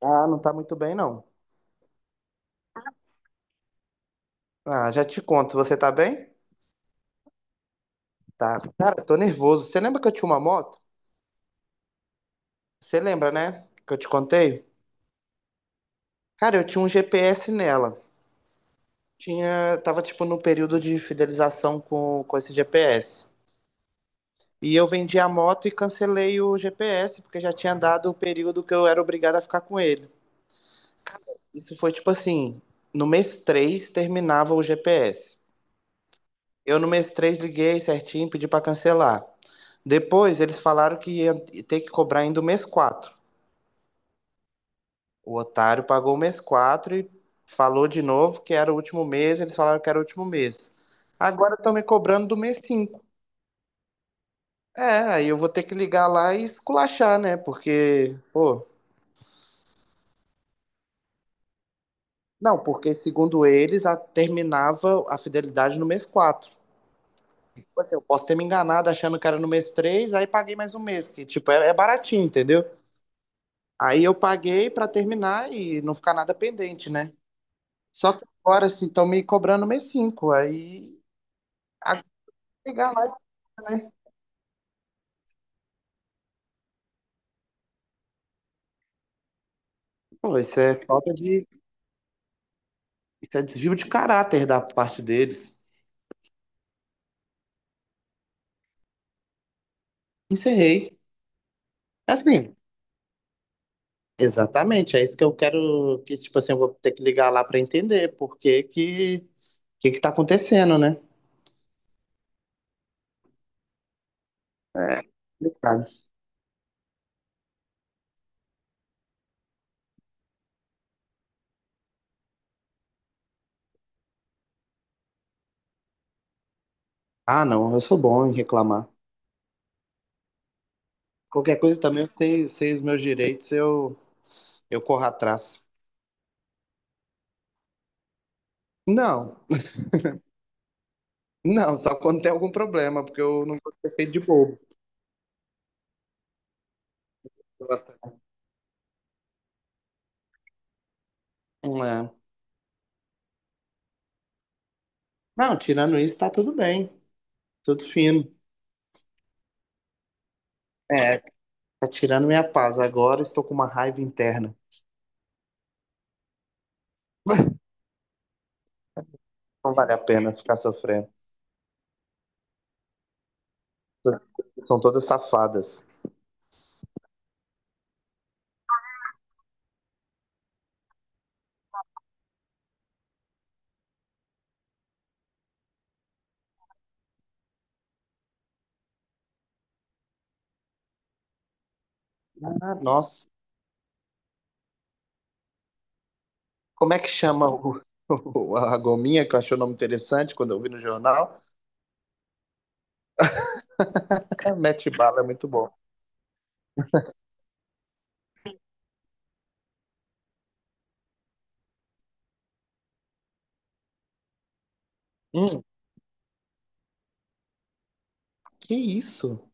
Ah, não tá muito bem, não. Ah, já te conto. Você tá bem? Tá. Cara, tô nervoso. Você lembra que eu tinha uma moto? Você lembra, né? Que eu te contei? Cara, eu tinha um GPS nela. Tinha, tava tipo no período de fidelização com esse GPS. E eu vendi a moto e cancelei o GPS, porque já tinha dado o período que eu era obrigado a ficar com ele. Isso foi tipo assim, no mês 3 terminava o GPS. Eu no mês 3 liguei certinho, pedi para cancelar. Depois eles falaram que ia ter que cobrar ainda o mês 4. O otário pagou o mês 4 e falou de novo que era o último mês, eles falaram que era o último mês. Agora estão me cobrando do mês 5. É, aí eu vou ter que ligar lá e esculachar, né? Porque, pô, não, porque segundo eles terminava a fidelidade no mês 4. Tipo assim, eu posso ter me enganado achando que era no mês 3. Aí paguei mais um mês, que tipo, é baratinho, entendeu? Aí eu paguei pra terminar e não ficar nada pendente, né? Só que agora, assim, estão me cobrando mês 5. Aí, agora pegar lá, né? Pô, isso é falta de. Isso é desvio de caráter da parte deles. Encerrei. Assim, exatamente. É isso que eu quero. Que, tipo assim, eu vou ter que ligar lá pra entender por que que. O que que tá acontecendo, né? É complicado. Ah, não, eu sou bom em reclamar. Qualquer coisa também, eu sei os meus direitos, eu corro atrás. Não. Não, só quando tem algum problema, porque eu não vou ser feito de bobo. Não, é. Não, tirando isso, tá tudo bem. Tudo fino. É, tá tirando minha paz. Agora estou com uma raiva interna. Não vale a pena ficar sofrendo. São todas safadas. Ah, nossa. Como é que chama a gominha, que eu achei o nome interessante quando eu vi no jornal? Mete bala, é muito bom. Hum, que isso?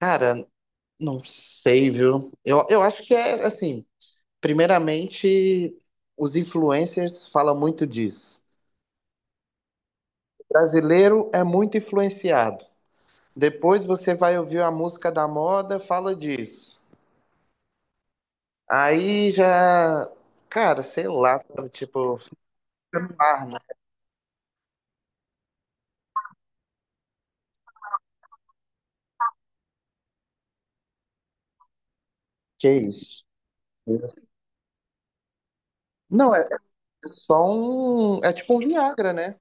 Cara, não sei, viu? Eu acho que é assim. Primeiramente, os influencers falam muito disso. O brasileiro é muito influenciado. Depois você vai ouvir a música da moda, fala disso. Aí já, cara, sei lá, sabe, tipo, Farna, que isso? Não, é só um, é tipo um Viagra, né?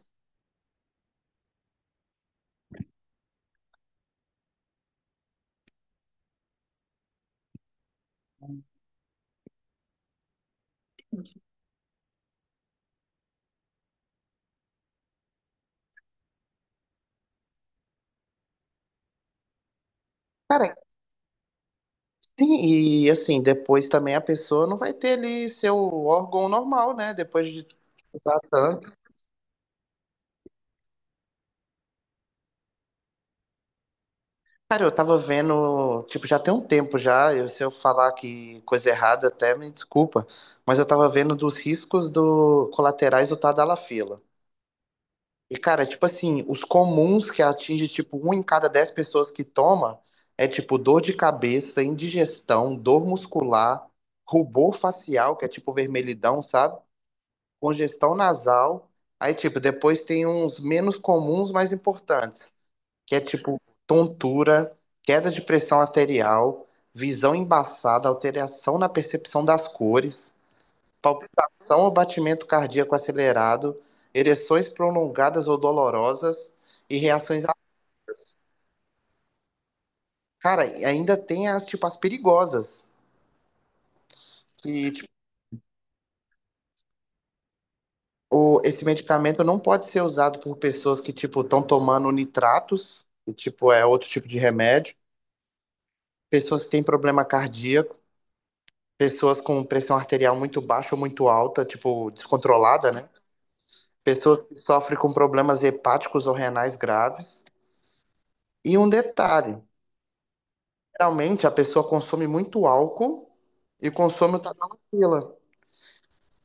Cara, sim, e assim, depois também a pessoa não vai ter ali seu órgão normal, né? Depois de usar tanto. Cara, eu tava vendo, tipo, já tem um tempo já, se eu falar que coisa errada até me desculpa, mas eu tava vendo dos riscos do colaterais do Tadalafila. E, cara, tipo assim, os comuns que atinge, tipo, um em cada 10 pessoas que toma é, tipo, dor de cabeça, indigestão, dor muscular, rubor facial, que é tipo vermelhidão, sabe? Congestão nasal. Aí, tipo, depois tem uns menos comuns, mais importantes que é tipo tontura, queda de pressão arterial, visão embaçada, alteração na percepção das cores, palpitação ou batimento cardíaco acelerado, ereções prolongadas ou dolorosas e reações. Cara, e ainda tem as tipo as perigosas, que tipo, esse medicamento não pode ser usado por pessoas que tipo estão tomando nitratos, que tipo é outro tipo de remédio, pessoas que têm problema cardíaco pessoas com pressão arterial muito baixa ou muito alta, tipo, descontrolada, né? Pessoas que sofrem com problemas hepáticos ou renais graves. E um detalhe, geralmente a pessoa consome muito álcool e consome o tadalafila.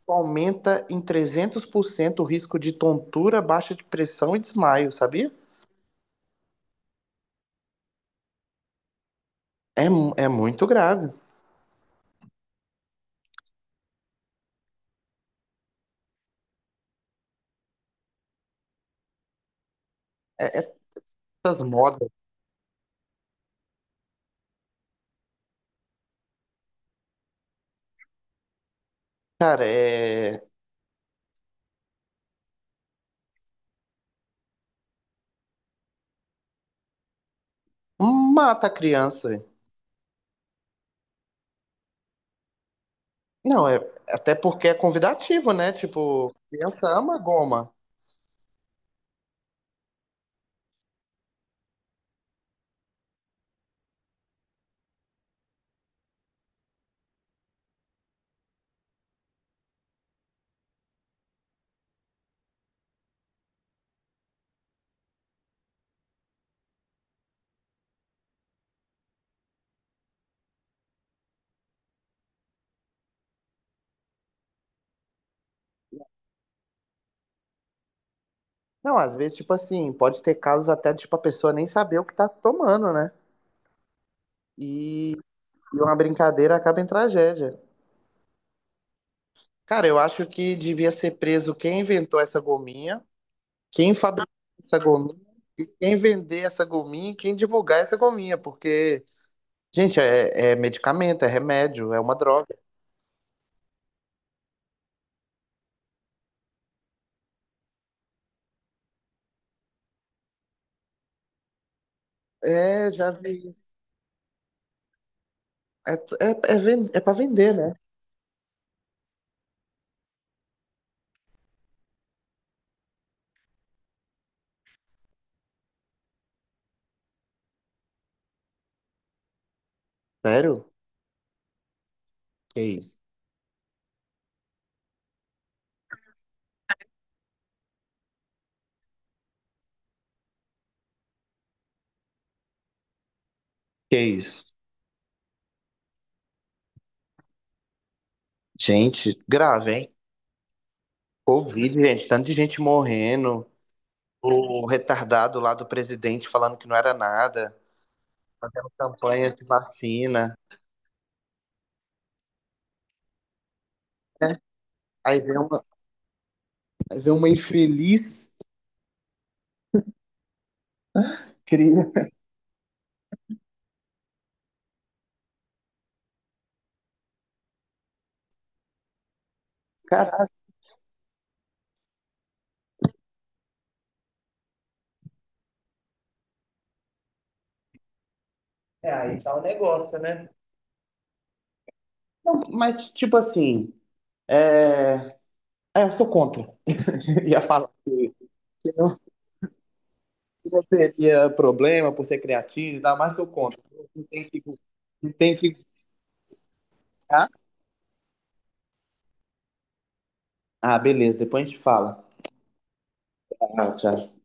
Aumenta em 300% o risco de tontura, baixa de pressão e desmaio, sabia? É, é muito grave. É essas modas, cara. Mata a criança. Não, até porque é convidativo, né? Tipo, criança ama goma. Não, às vezes, tipo assim, pode ter casos até, tipo, a pessoa nem saber o que tá tomando, né? E, e uma brincadeira acaba em tragédia. Cara, eu acho que devia ser preso quem inventou essa gominha, quem fabricou essa gominha, quem vender essa gominha e quem divulgar essa gominha, porque, gente, é medicamento, é remédio, é uma droga. É, já vi. É, é, é pra vender, né? Sério? Que isso? Que isso? Gente, grave, hein? Covid, gente, tanto de gente morrendo. O retardado lá do presidente falando que não era nada, campanha de vacina. Aí vem uma, aí vem uma infeliz cria. Caralho. É, aí tá o negócio, né? Não, mas, tipo assim, é... eu sou contra. Ia falar que não, não teria problema por ser criativo e tal, mas sou contra. Não tem que, não tem que. Ah, ah, beleza, depois a gente fala. Tchau, tchau.